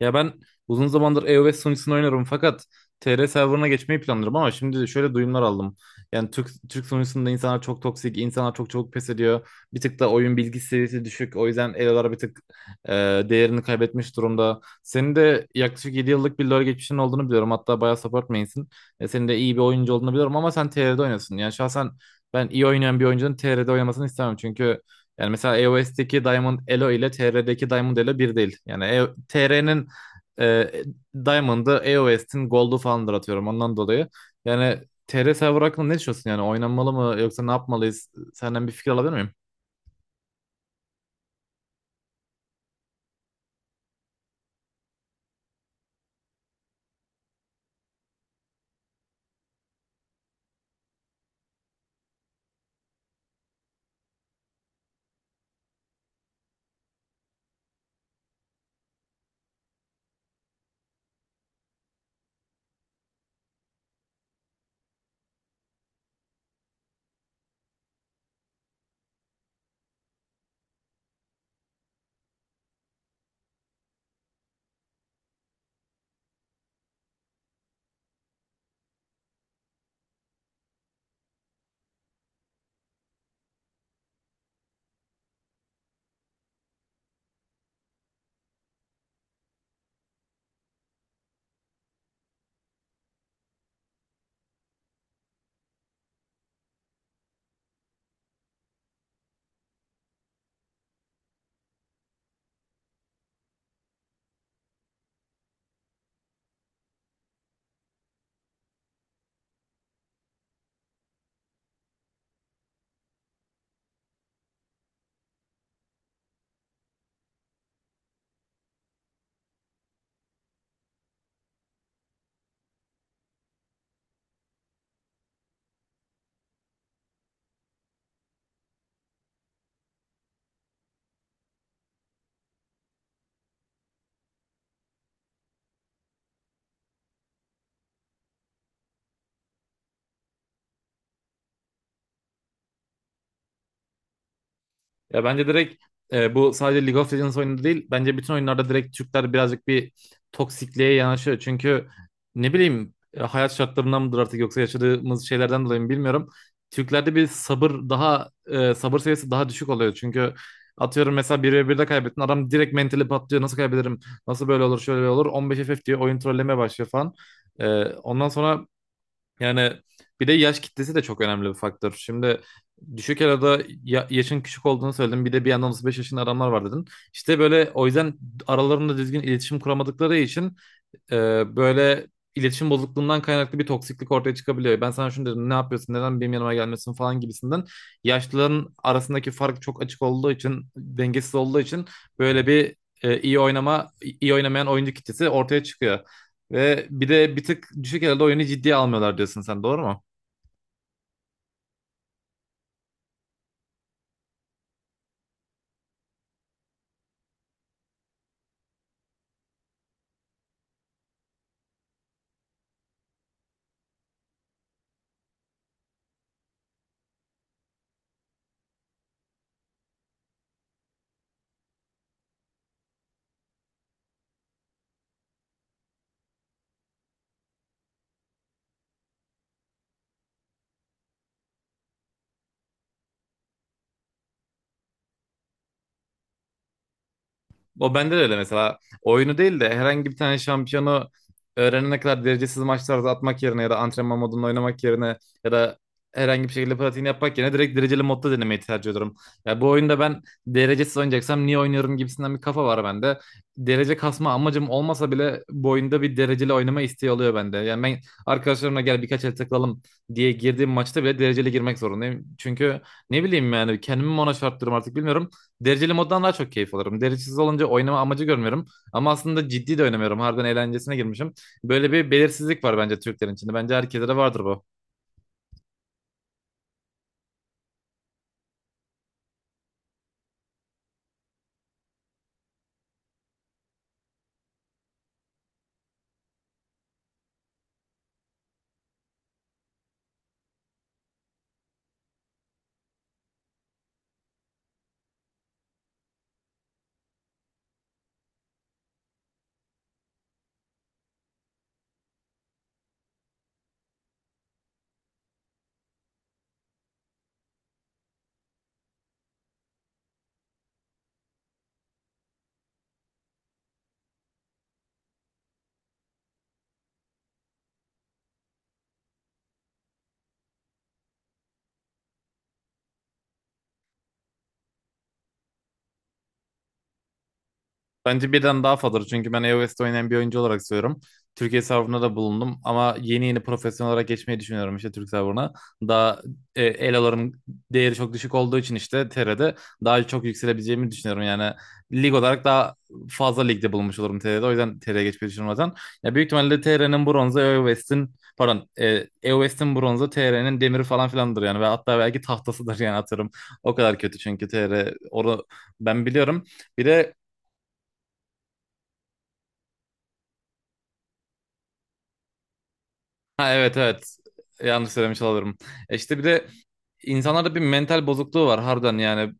Ya ben uzun zamandır EOS sunucusunu oynarım fakat TR serverına geçmeyi planlıyorum ama şimdi de şöyle duyumlar aldım. Yani Türk sunucusunda insanlar çok toksik, insanlar çok çabuk pes ediyor. Bir tık da oyun bilgi seviyesi düşük. O yüzden elolar bir tık e, değerini kaybetmiş durumda. Senin de yaklaşık 7 yıllık bir LoL geçmişin olduğunu biliyorum. Hatta bayağı support main'sin. Senin de iyi bir oyuncu olduğunu biliyorum ama sen TR'de oynuyorsun. Yani şahsen ben iyi oynayan bir oyuncunun TR'de oynamasını istemem. Çünkü yani mesela EOS'teki Diamond Elo ile TR'deki Diamond Elo bir değil. Yani TR'nin e, Diamond'ı, EOS'in Gold'u falandır atıyorum ondan dolayı. Yani TR server hakkında ne düşünüyorsun yani? Oynanmalı mı yoksa ne yapmalıyız? Senden bir fikir alabilir miyim? Ya bence direkt bu sadece League of Legends oyunu değil. Bence bütün oyunlarda direkt Türkler birazcık bir toksikliğe yanaşıyor. Çünkü ne bileyim hayat şartlarından mıdır artık yoksa yaşadığımız şeylerden dolayı mı bilmiyorum. Türklerde bir sabır daha sabır seviyesi daha düşük oluyor. Çünkü atıyorum mesela bir ve birde kaybettin adam direkt mentali patlıyor. Nasıl kaybederim? Nasıl böyle olur? Şöyle böyle olur. 15 FF diyor oyun trollemeye başlıyor falan. Ondan sonra yani bir de yaş kitlesi de çok önemli bir faktör. Şimdi düşük arada yaşın küçük olduğunu söyledim. Bir de bir yandan 35 yaşında adamlar var dedin. İşte böyle o yüzden aralarında düzgün iletişim kuramadıkları için böyle iletişim bozukluğundan kaynaklı bir toksiklik ortaya çıkabiliyor. Ben sana şunu dedim ne yapıyorsun neden benim yanıma gelmiyorsun falan gibisinden. Yaşlıların arasındaki fark çok açık olduğu için dengesiz olduğu için böyle bir e, iyi oynama iyi oynamayan oyuncu kitlesi ortaya çıkıyor. Ve bir de bir tık düşük elde oyunu ciddiye almıyorlar diyorsun sen doğru mu? O bende de öyle mesela. Oyunu değil de herhangi bir tane şampiyonu öğrenene kadar derecesiz maçlarda atmak yerine ya da antrenman modunda oynamak yerine ya da herhangi bir şekilde pratiğini yapmak yerine direkt dereceli modda denemeyi tercih ediyorum. Ya bu oyunda ben derecesiz oynayacaksam niye oynuyorum gibisinden bir kafa var bende. Derece kasma amacım olmasa bile bu oyunda bir dereceli oynama isteği oluyor bende. Yani ben arkadaşlarımla gel birkaç el takılalım diye girdiğim maçta bile dereceli girmek zorundayım. Çünkü ne bileyim yani kendimi mi ona şarttırıyorum artık bilmiyorum. Dereceli moddan daha çok keyif alırım. Derecesiz olunca oynama amacı görmüyorum. Ama aslında ciddi de oynamıyorum. Harbiden eğlencesine girmişim. Böyle bir belirsizlik var bence Türklerin içinde. Bence herkese de vardır bu. Bence birden daha fazladır. Çünkü ben iOS'te oynayan bir oyuncu olarak söylüyorum. Türkiye serverına da bulundum ama yeni yeni profesyonel olarak geçmeyi düşünüyorum işte Türk serverına. Daha eloların değeri çok düşük olduğu için işte TR'de daha çok yükselebileceğimi düşünüyorum. Yani lig olarak daha fazla ligde bulunmuş olurum TR'de. O yüzden TR'ye geçmeyi düşünüyorum zaten. Ya büyük ihtimalle TR'nin bronzu iOS'in pardon iOS'in bronzu TR'nin demiri falan filandır yani. Ve hatta belki tahtasıdır yani atarım. O kadar kötü çünkü TR onu ben biliyorum. Bir de. Ha, evet, evet. Yanlış söylemiş olabilirim. İşte bir de insanlarda bir mental bozukluğu var harbiden yani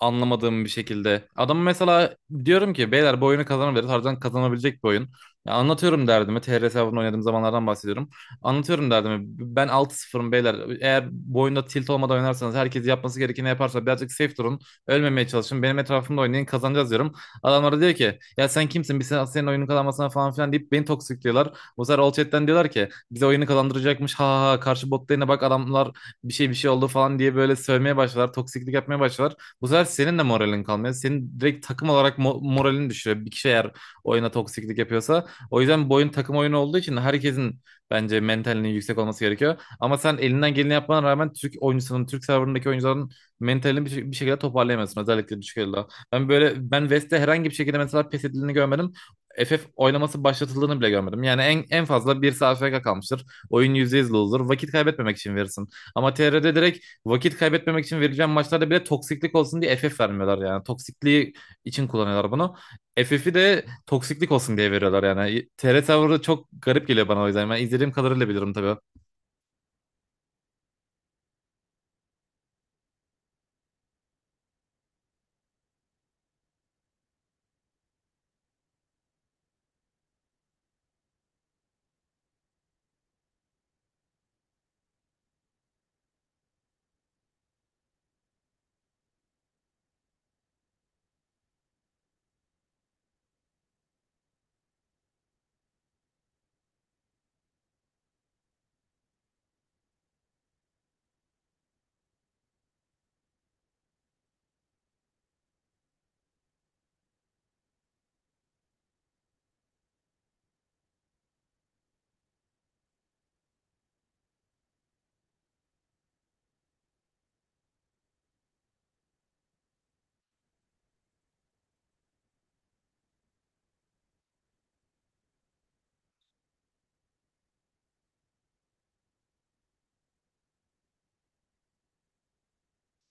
anlamadığım bir şekilde. Adam mesela diyorum ki beyler bu oyunu kazanabiliriz. Harbiden kazanabilecek bir oyun. Ya anlatıyorum derdimi. TR hesabını oynadığım zamanlardan bahsediyorum. Anlatıyorum derdimi. Ben 6 sıfırım beyler. Eğer bu oyunda tilt olmadan oynarsanız herkes yapması gerekeni yaparsa birazcık safe durun. Ölmemeye çalışın. Benim etrafımda oynayın kazanacağız diyorum. Adamlara diyor ki ya sen kimsin? Biz senin oyunun kazanmasına falan filan deyip beni toksikliyorlar. Bu sefer all chat'ten diyorlar ki bize oyunu kazandıracakmış. Ha ha ha, karşı botlarına bak adamlar bir şey oldu falan diye böyle sövmeye başlar. Toksiklik yapmaya başlar. Bu sefer senin de moralin kalmıyor. Senin direkt takım olarak moralini düşürüyor. Bir kişi eğer oyuna toksiklik yapıyorsa. O yüzden bu oyun takım oyunu olduğu için herkesin bence mentalinin yüksek olması gerekiyor. Ama sen elinden geleni yapmana rağmen Türk oyuncusunun, Türk serverındaki oyuncuların mentalini bir şekilde toparlayamıyorsun. Özellikle düşük elde. Ben böyle ben West'te herhangi bir şekilde mesela pes edildiğini görmedim. FF oylaması başlatıldığını bile görmedim. Yani en fazla bir saat FK kalmıştır. Oyun %100 loser. Vakit kaybetmemek için verirsin. Ama TR'de direkt vakit kaybetmemek için verilen maçlarda bile toksiklik olsun diye FF vermiyorlar yani. Toksikliği için kullanıyorlar bunu. FF'i de toksiklik olsun diye veriyorlar yani. TR tavrı çok garip geliyor bana o yüzden. Ben izlediğim kadarıyla bilirim tabii.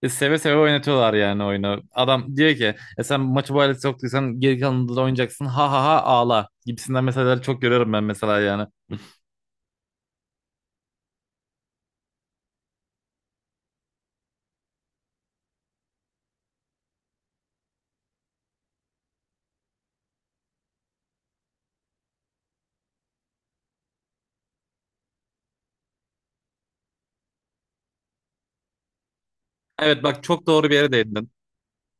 Seve seve oynatıyorlar yani oyunu. Adam diyor ki sen maçı bu hale soktuysan geri kalanında da oynayacaksın. Ha ha ha ağla gibisinden mesajları çok görüyorum ben mesela yani. Evet bak çok doğru bir yere değindin.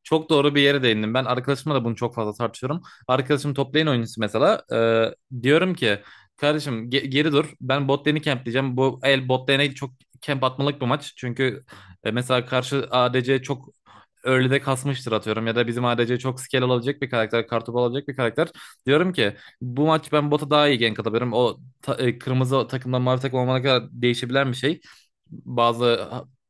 Çok doğru bir yere değindim. Ben arkadaşımla da bunu çok fazla tartışıyorum. Arkadaşım toplayın oyuncusu mesela. Diyorum ki kardeşim geri dur. Ben bot lane'i campleyeceğim. Bu el bot lane'e çok camp atmalık bir maç. Çünkü mesela karşı ADC çok early'de kasmıştır atıyorum. Ya da bizim ADC çok scale alabilecek bir karakter. Kartopu alabilecek bir karakter. Diyorum ki bu maç ben bota daha iyi gank atabilirim. O kırmızı takımdan mavi takım olana kadar değişebilen bir şey. Bazı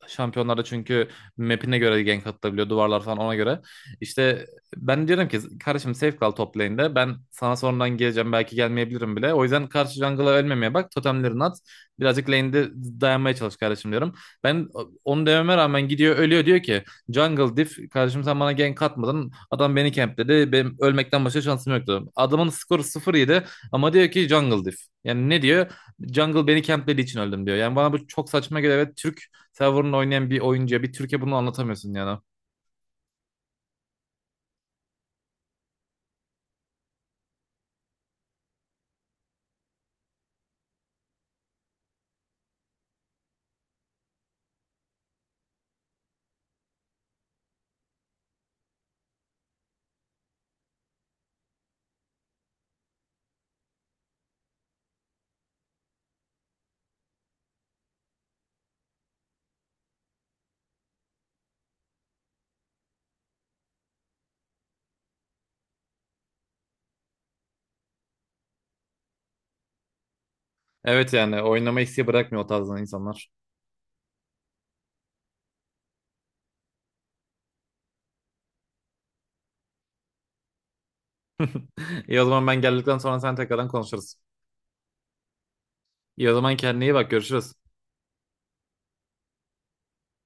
şampiyonlarda çünkü map'ine göre gank atılabiliyor duvarlar falan ona göre. İşte ben diyorum ki kardeşim safe kal top lane'de. Ben sana sonradan geleceğim belki gelmeyebilirim bile. O yüzden karşı jungle'a ölmemeye bak. Totemlerini at. Birazcık lane'de dayanmaya çalış kardeşim diyorum. Ben onu dememe rağmen gidiyor ölüyor diyor ki jungle diff kardeşim sen bana gank atmadın. Adam beni campledi. Benim ölmekten başka şansım yoktu. Adamın skoru 0-7 ama diyor ki jungle diff. Yani ne diyor? Jungle beni camplediği için öldüm diyor. Yani bana bu çok saçma geliyor. Evet Türk Tavern'la oynayan bir oyuncuya bir Türkiye bunu anlatamıyorsun yani. Evet yani oynama isteği bırakmıyor o tarzdan insanlar. İyi o zaman ben geldikten sonra sen tekrardan konuşuruz. İyi o zaman kendine iyi bak görüşürüz.